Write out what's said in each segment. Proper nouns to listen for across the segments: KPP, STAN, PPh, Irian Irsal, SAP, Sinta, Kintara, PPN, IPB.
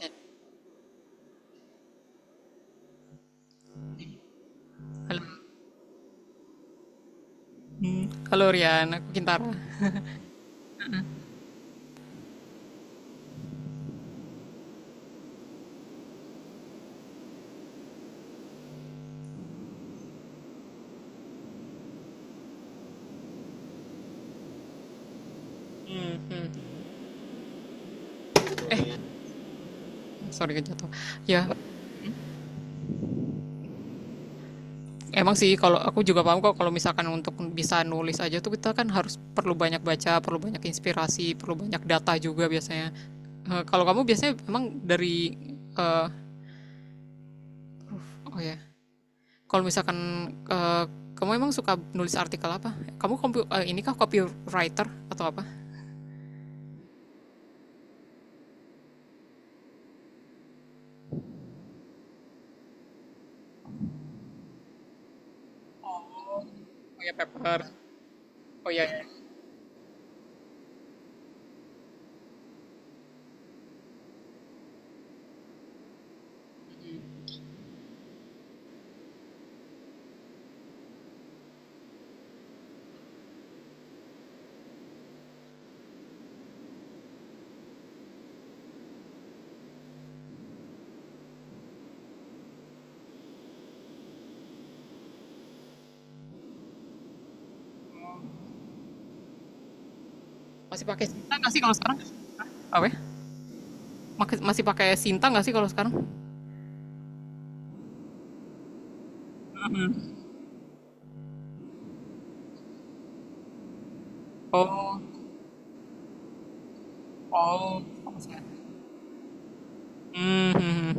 Ya. Halo. Hmm. Halo Rian, aku Kintara. Sorry jatuh. Ya, emang sih kalau aku juga paham kok kalau misalkan untuk bisa nulis aja tuh kita kan harus perlu banyak baca, perlu banyak inspirasi, perlu banyak data juga biasanya. Kalau kamu biasanya emang dari, eh, oh ya, yeah. Kalau misalkan kamu emang suka nulis artikel apa? Kamu ini kah copywriter atau apa? Oh ya, paper. Oh ya, ya. Masih pakai Sinta nggak sih kalau sekarang? Apa ya? Masih pakai Sinta nggak sih kalau sekarang? Oh. Oh, fokus. Hmm.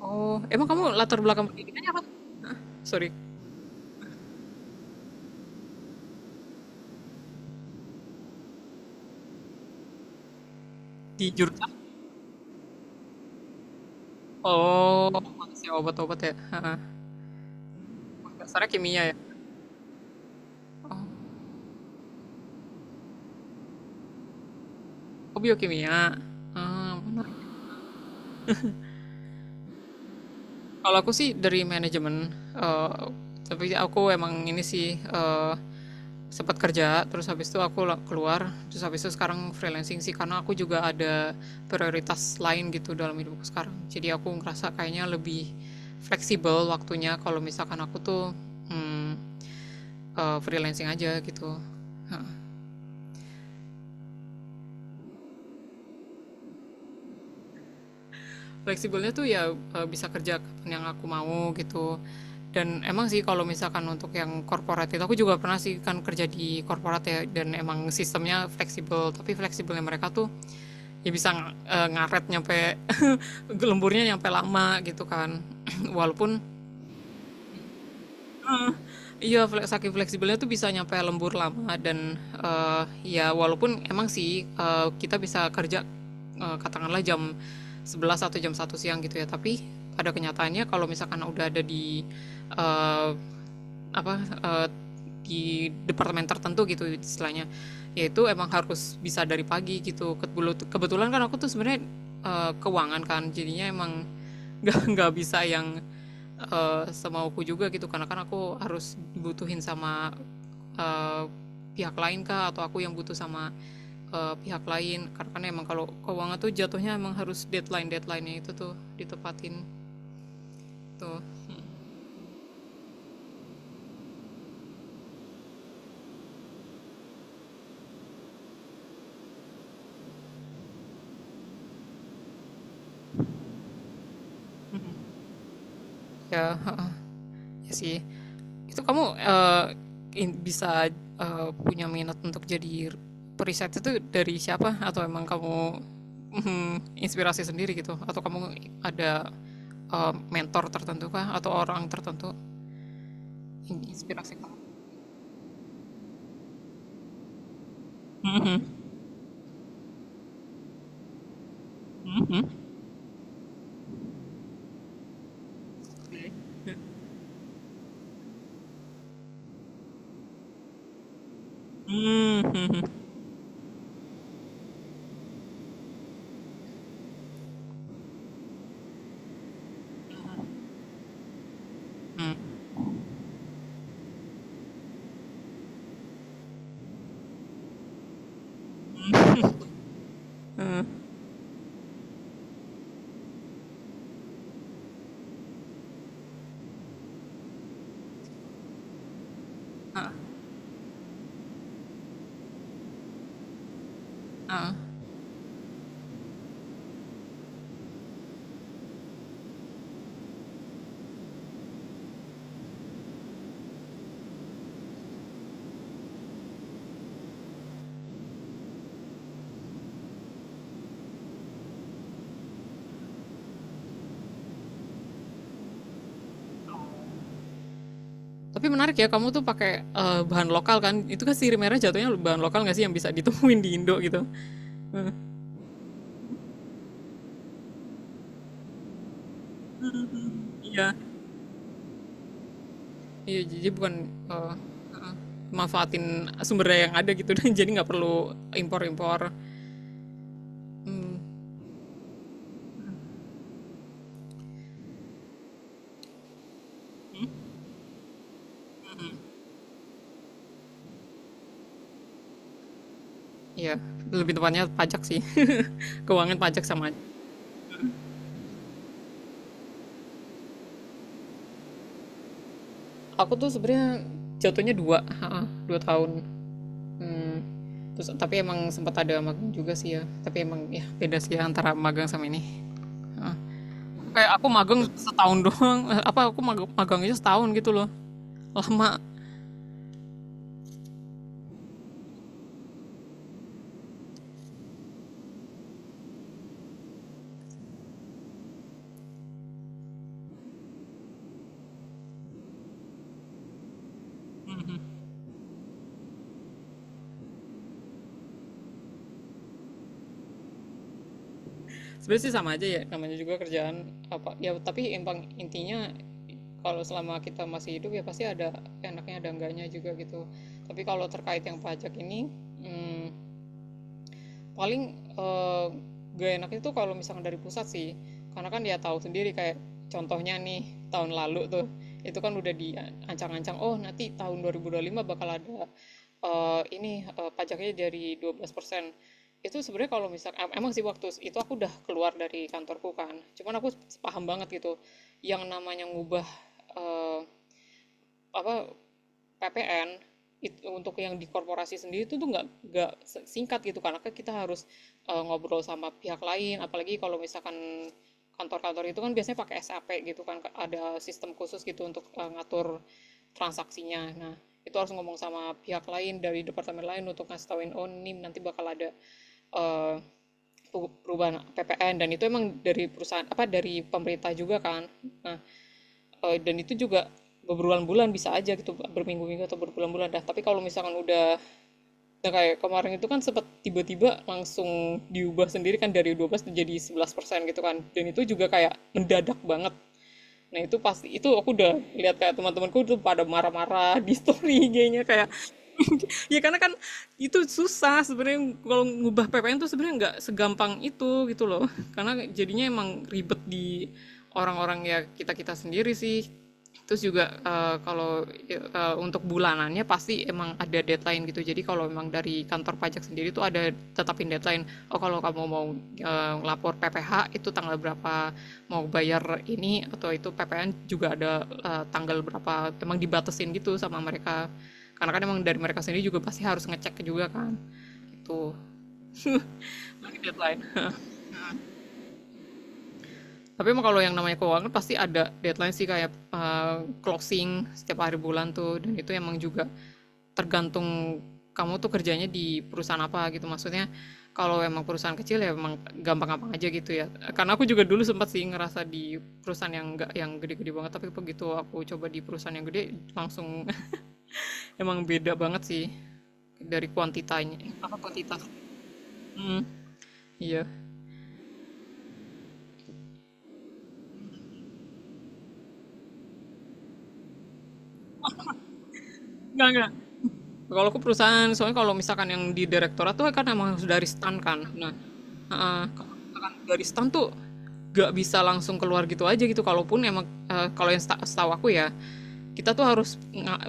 Oh, emang kamu latar belakang pendidikannya apa? Sorry, di jurusan? Oh, masih obat-obat ya, ha. Dasarnya kimia ya. Oh, biokimia. Ah, benar. Kalau aku sih dari manajemen, tapi aku emang ini sih, sempat kerja, terus habis itu aku keluar, terus habis itu sekarang freelancing sih, karena aku juga ada prioritas lain gitu dalam hidupku sekarang. Jadi aku ngerasa kayaknya lebih fleksibel waktunya kalau misalkan aku tuh, mmm, freelancing aja gitu. Fleksibelnya tuh ya, bisa kerja kapan yang aku mau gitu, dan emang sih kalau misalkan untuk yang korporat itu aku juga pernah sih kan kerja di korporat ya, dan emang sistemnya fleksibel, tapi fleksibelnya mereka tuh ya bisa, ngaret nyampe lemburnya nyampe lama gitu kan. Walaupun Iya, saking fleksibelnya tuh bisa nyampe lembur lama dan, ya walaupun emang sih, kita bisa kerja, katakanlah jam 11 atau jam 1 siang gitu ya, tapi pada kenyataannya kalau misalkan udah ada di, eee, apa, eee, di departemen tertentu gitu istilahnya, yaitu emang harus bisa dari pagi gitu. Kebetulan kan aku tuh sebenarnya, keuangan kan, jadinya emang nggak bisa yang semauku juga gitu, karena kan aku harus dibutuhin sama eee, pihak lain kah atau aku yang butuh sama pihak lain, karena kan emang kalau keuangan tuh jatuhnya emang harus deadline deadline-nya itu tuh ditepatin tuh. Ya, heeh, iya sih. Itu kamu bisa punya minat untuk jadi periset itu dari siapa, atau emang kamu, mhm, inspirasi sendiri gitu, atau kamu ada mentor tertentu kah atau orang tertentu inspirasi kamu. Mhm. Mhm. Mmm. Mhm. Mmm. Heeh, heeh. Tapi menarik ya kamu tuh pakai, bahan lokal kan? Itu kan sirih merah jatuhnya bahan lokal nggak sih yang bisa ditemuin di Indo gitu? Heeh, iya. Iya, jadi bukan, eee, manfaatin sumber daya yang ada gitu, dan jadi nggak perlu impor-impor, mmm, iya, lebih tepatnya pajak sih, keuangan pajak sama. Aku tuh sebenarnya jatuhnya 2 tahun, mmm, terus tapi emang sempet ada magang juga sih ya, tapi emang ya beda sih ya antara magang sama ini. Kayak aku magang setahun doang, apa aku magang, magangnya setahun gitu loh, lama. Sebenarnya sih sama aja ya namanya juga kerjaan apa ya, tapi emang intinya kalau selama kita masih hidup ya pasti ada enaknya ada enggaknya juga gitu. Tapi kalau terkait yang pajak ini, hmm, paling eh, gak enak itu kalau misalkan dari pusat sih, karena kan dia tahu sendiri kayak contohnya nih tahun lalu tuh itu kan udah diancang-ancang, oh nanti tahun 2025 bakal ada ini pajaknya dari 12%. Itu sebenarnya kalau misal emang sih waktu itu aku udah keluar dari kantorku kan, cuman aku paham banget gitu yang namanya ngubah eh, apa PPN itu untuk yang di korporasi sendiri itu tuh nggak singkat gitu, karena kan kita harus ngobrol sama pihak lain, apalagi kalau misalkan kantor-kantor itu kan biasanya pakai SAP gitu kan, ada sistem khusus gitu untuk ngatur transaksinya. Nah, itu harus ngomong sama pihak lain dari departemen lain untuk ngasih tauin, oh ini nanti bakal ada eh, perubahan PPN, dan itu emang dari perusahaan apa dari pemerintah juga kan. Nah, dan itu juga berbulan-bulan bisa aja gitu, berminggu-minggu atau berbulan-bulan dah, tapi kalau misalkan udah kayak kemarin itu kan sempat tiba-tiba langsung diubah sendiri kan dari 12 jadi 11% gitu kan, dan itu juga kayak mendadak banget. Nah itu pasti, itu aku udah lihat kayak teman-temanku tuh pada marah-marah di story IG-nya kayak, ya karena kan itu susah sebenarnya kalau ngubah PPN tuh, sebenarnya nggak segampang itu gitu loh, karena jadinya emang ribet di orang-orang ya, kita kita sendiri sih. Terus juga kalau untuk bulanannya pasti emang ada deadline gitu, jadi kalau memang dari kantor pajak sendiri tuh ada tetapin deadline, oh kalau kamu mau lapor PPh itu tanggal berapa, mau bayar ini atau itu PPN juga ada tanggal berapa, emang dibatasin gitu sama mereka, karena kan emang dari mereka sendiri juga pasti harus ngecek juga kan itu deadline. Tapi emang kalau yang namanya keuangan pasti ada deadline sih, kayak closing setiap hari bulan tuh, dan itu emang juga tergantung kamu tuh kerjanya di perusahaan apa gitu, maksudnya kalau emang perusahaan kecil ya emang gampang-gampang aja gitu ya, karena aku juga dulu sempat sih ngerasa di perusahaan yang enggak yang gede-gede banget, tapi begitu aku coba di perusahaan yang gede langsung, emang beda banget sih dari kuantitanya apa kuantitas. Hmm, iya. Enggak, kalau aku perusahaan, soalnya kalau misalkan yang di direktorat tuh kan emang harus dari STAN kan. Nah, kalau misalkan dari STAN tuh gak bisa langsung keluar gitu aja gitu, kalaupun emang kalau yang setahu aku ya, kita tuh harus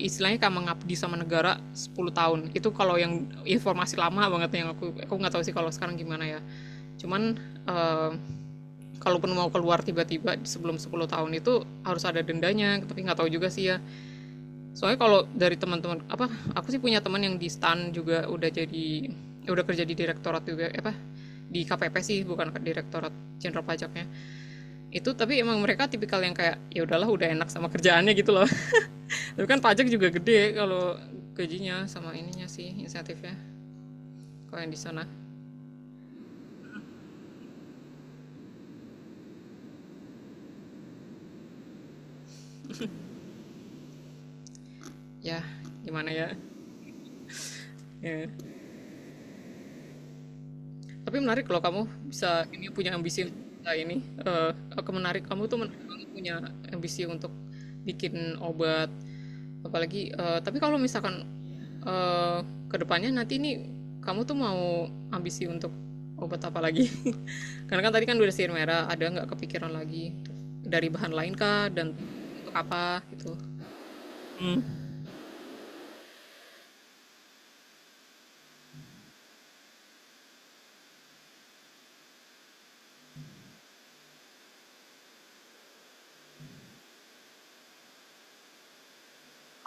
istilahnya kayak mengabdi sama negara 10 tahun itu kalau yang informasi lama banget yang aku nggak tahu sih kalau sekarang gimana ya, cuman eh, kalaupun mau keluar tiba-tiba sebelum 10 tahun itu harus ada dendanya, tapi nggak tahu juga sih ya. Soalnya kalau dari teman-teman apa, aku sih punya teman yang di STAN juga udah jadi, udah kerja di direktorat juga, apa di KPP sih bukan direktorat jenderal pajaknya itu, tapi emang mereka tipikal yang kayak ya udahlah udah enak sama kerjaannya gitu loh, tapi kan pajak juga gede kalau gajinya sama ininya sih insentifnya kalau yang di sana. Ya, gimana ya. Ya. Tapi menarik kalau kamu bisa ini punya ambisi. Nah ini aku menarik, kamu tuh menarik banget punya ambisi untuk bikin obat, apalagi tapi kalau misalkan eh, kedepannya nanti ini kamu tuh mau ambisi untuk obat apa lagi, karena kan tadi kan udah sihir merah, ada nggak kepikiran lagi dari bahan lain kah, dan untuk apa gitu. Hmm.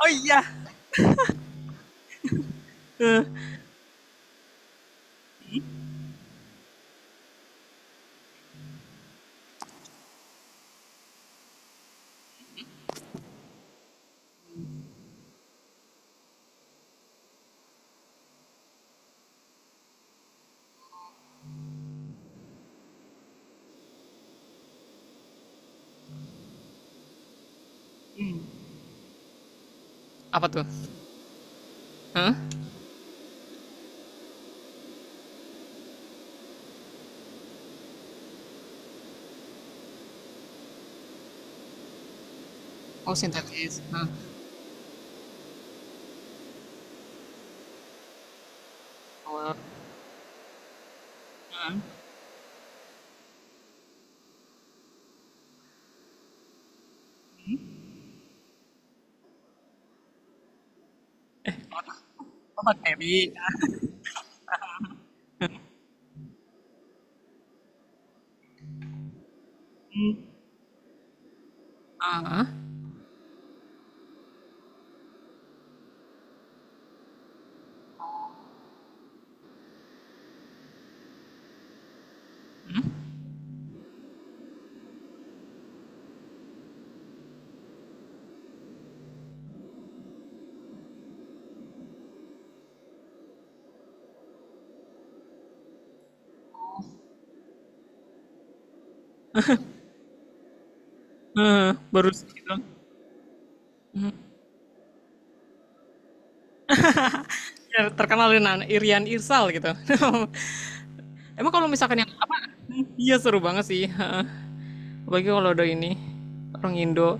Oh iya, apa tuh? Hah? Oh, sintetis. Hah? Oh, obat baby. Ah, ah. Hmm, baru sedikit. Ya, terkenal dengan Irian Irsal gitu, emang kalau misalkan yang apa, iya seru banget sih, apalagi kalau ada ini orang Indo,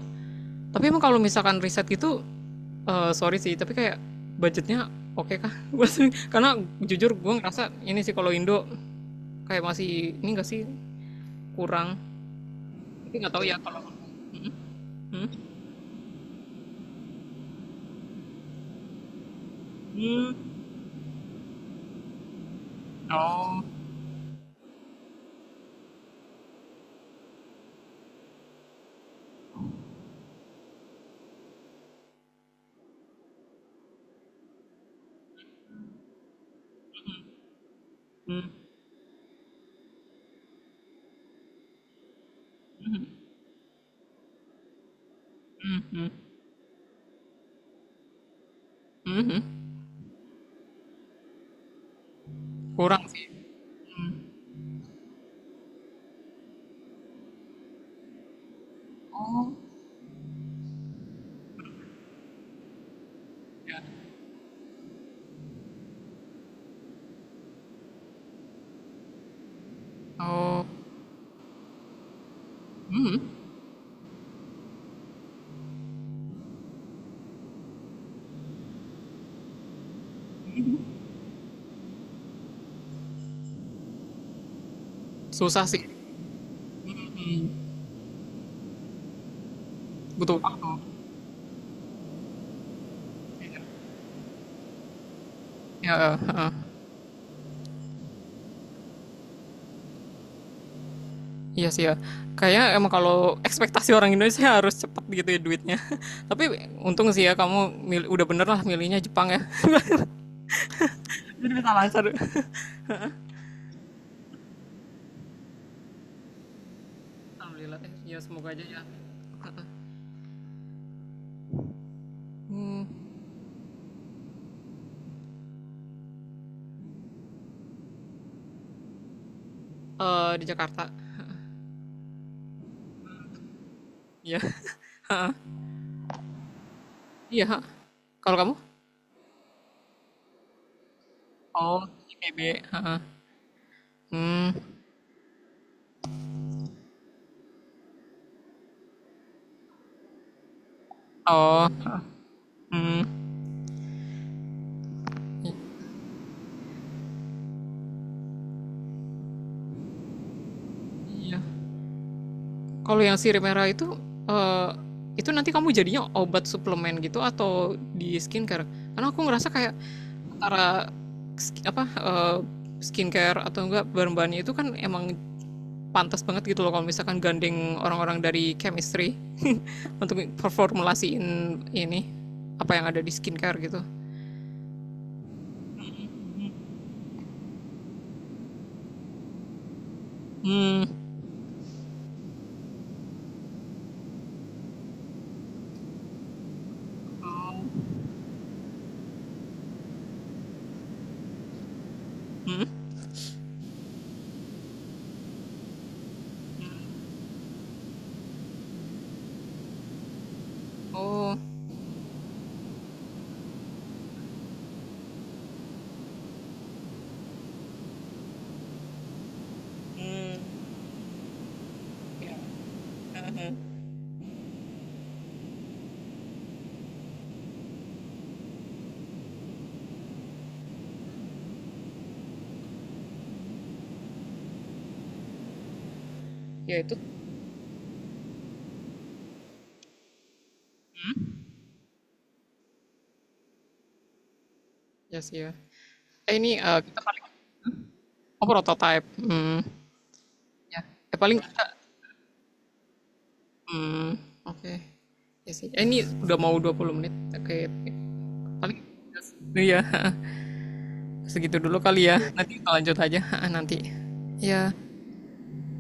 tapi emang kalau misalkan riset gitu, sorry sih, tapi kayak budgetnya oke okay kah, karena jujur gue ngerasa ini sih kalau Indo kayak masih ini gak sih, kurang, tapi nggak tahu ya kalau, hmm? Hmm. Oh. Hmm, kurang sih. Oh, susah sih, butuh waktu, ya. Eh. Iya sih ya, kayaknya emang kalau ekspektasi orang Indonesia harus cepat gitu ya duitnya, tapi untung sih ya kamu, udah bener lah milihnya Jepang ya. Jadi bisa lancar. Alhamdulillah. Ya semoga aja ya. Hmm, di Jakarta. Iya. Iya. Kalau kamu? Oh, IPB. Heeh. Hmm. Oh. Hmm. Iya. Kalau yang sirih merah itu, eh itu nanti kamu jadinya obat suplemen gitu atau di skincare? Karena aku ngerasa kayak antara sk- apa eh, skincare atau enggak, bahan-bahannya itu kan emang pantas banget gitu loh kalau misalkan gandeng orang-orang dari chemistry, untuk performulasiin ini apa yang ada di skincare gitu. Hmm. Oh. Hmm. Oh. Hmm. Ya. Uh-huh. Ya itu, ya. Yes, sih ya. Eh ini eh, kita paling. Oh, prototype. Hmm. Ya. Paling kita hmm. Oke. Okay. Ya sih. Ini udah mau 20 menit. Oke. Okay. Paling. Iya, segitu dulu kali ya. Nanti kita lanjut aja nanti. Ya.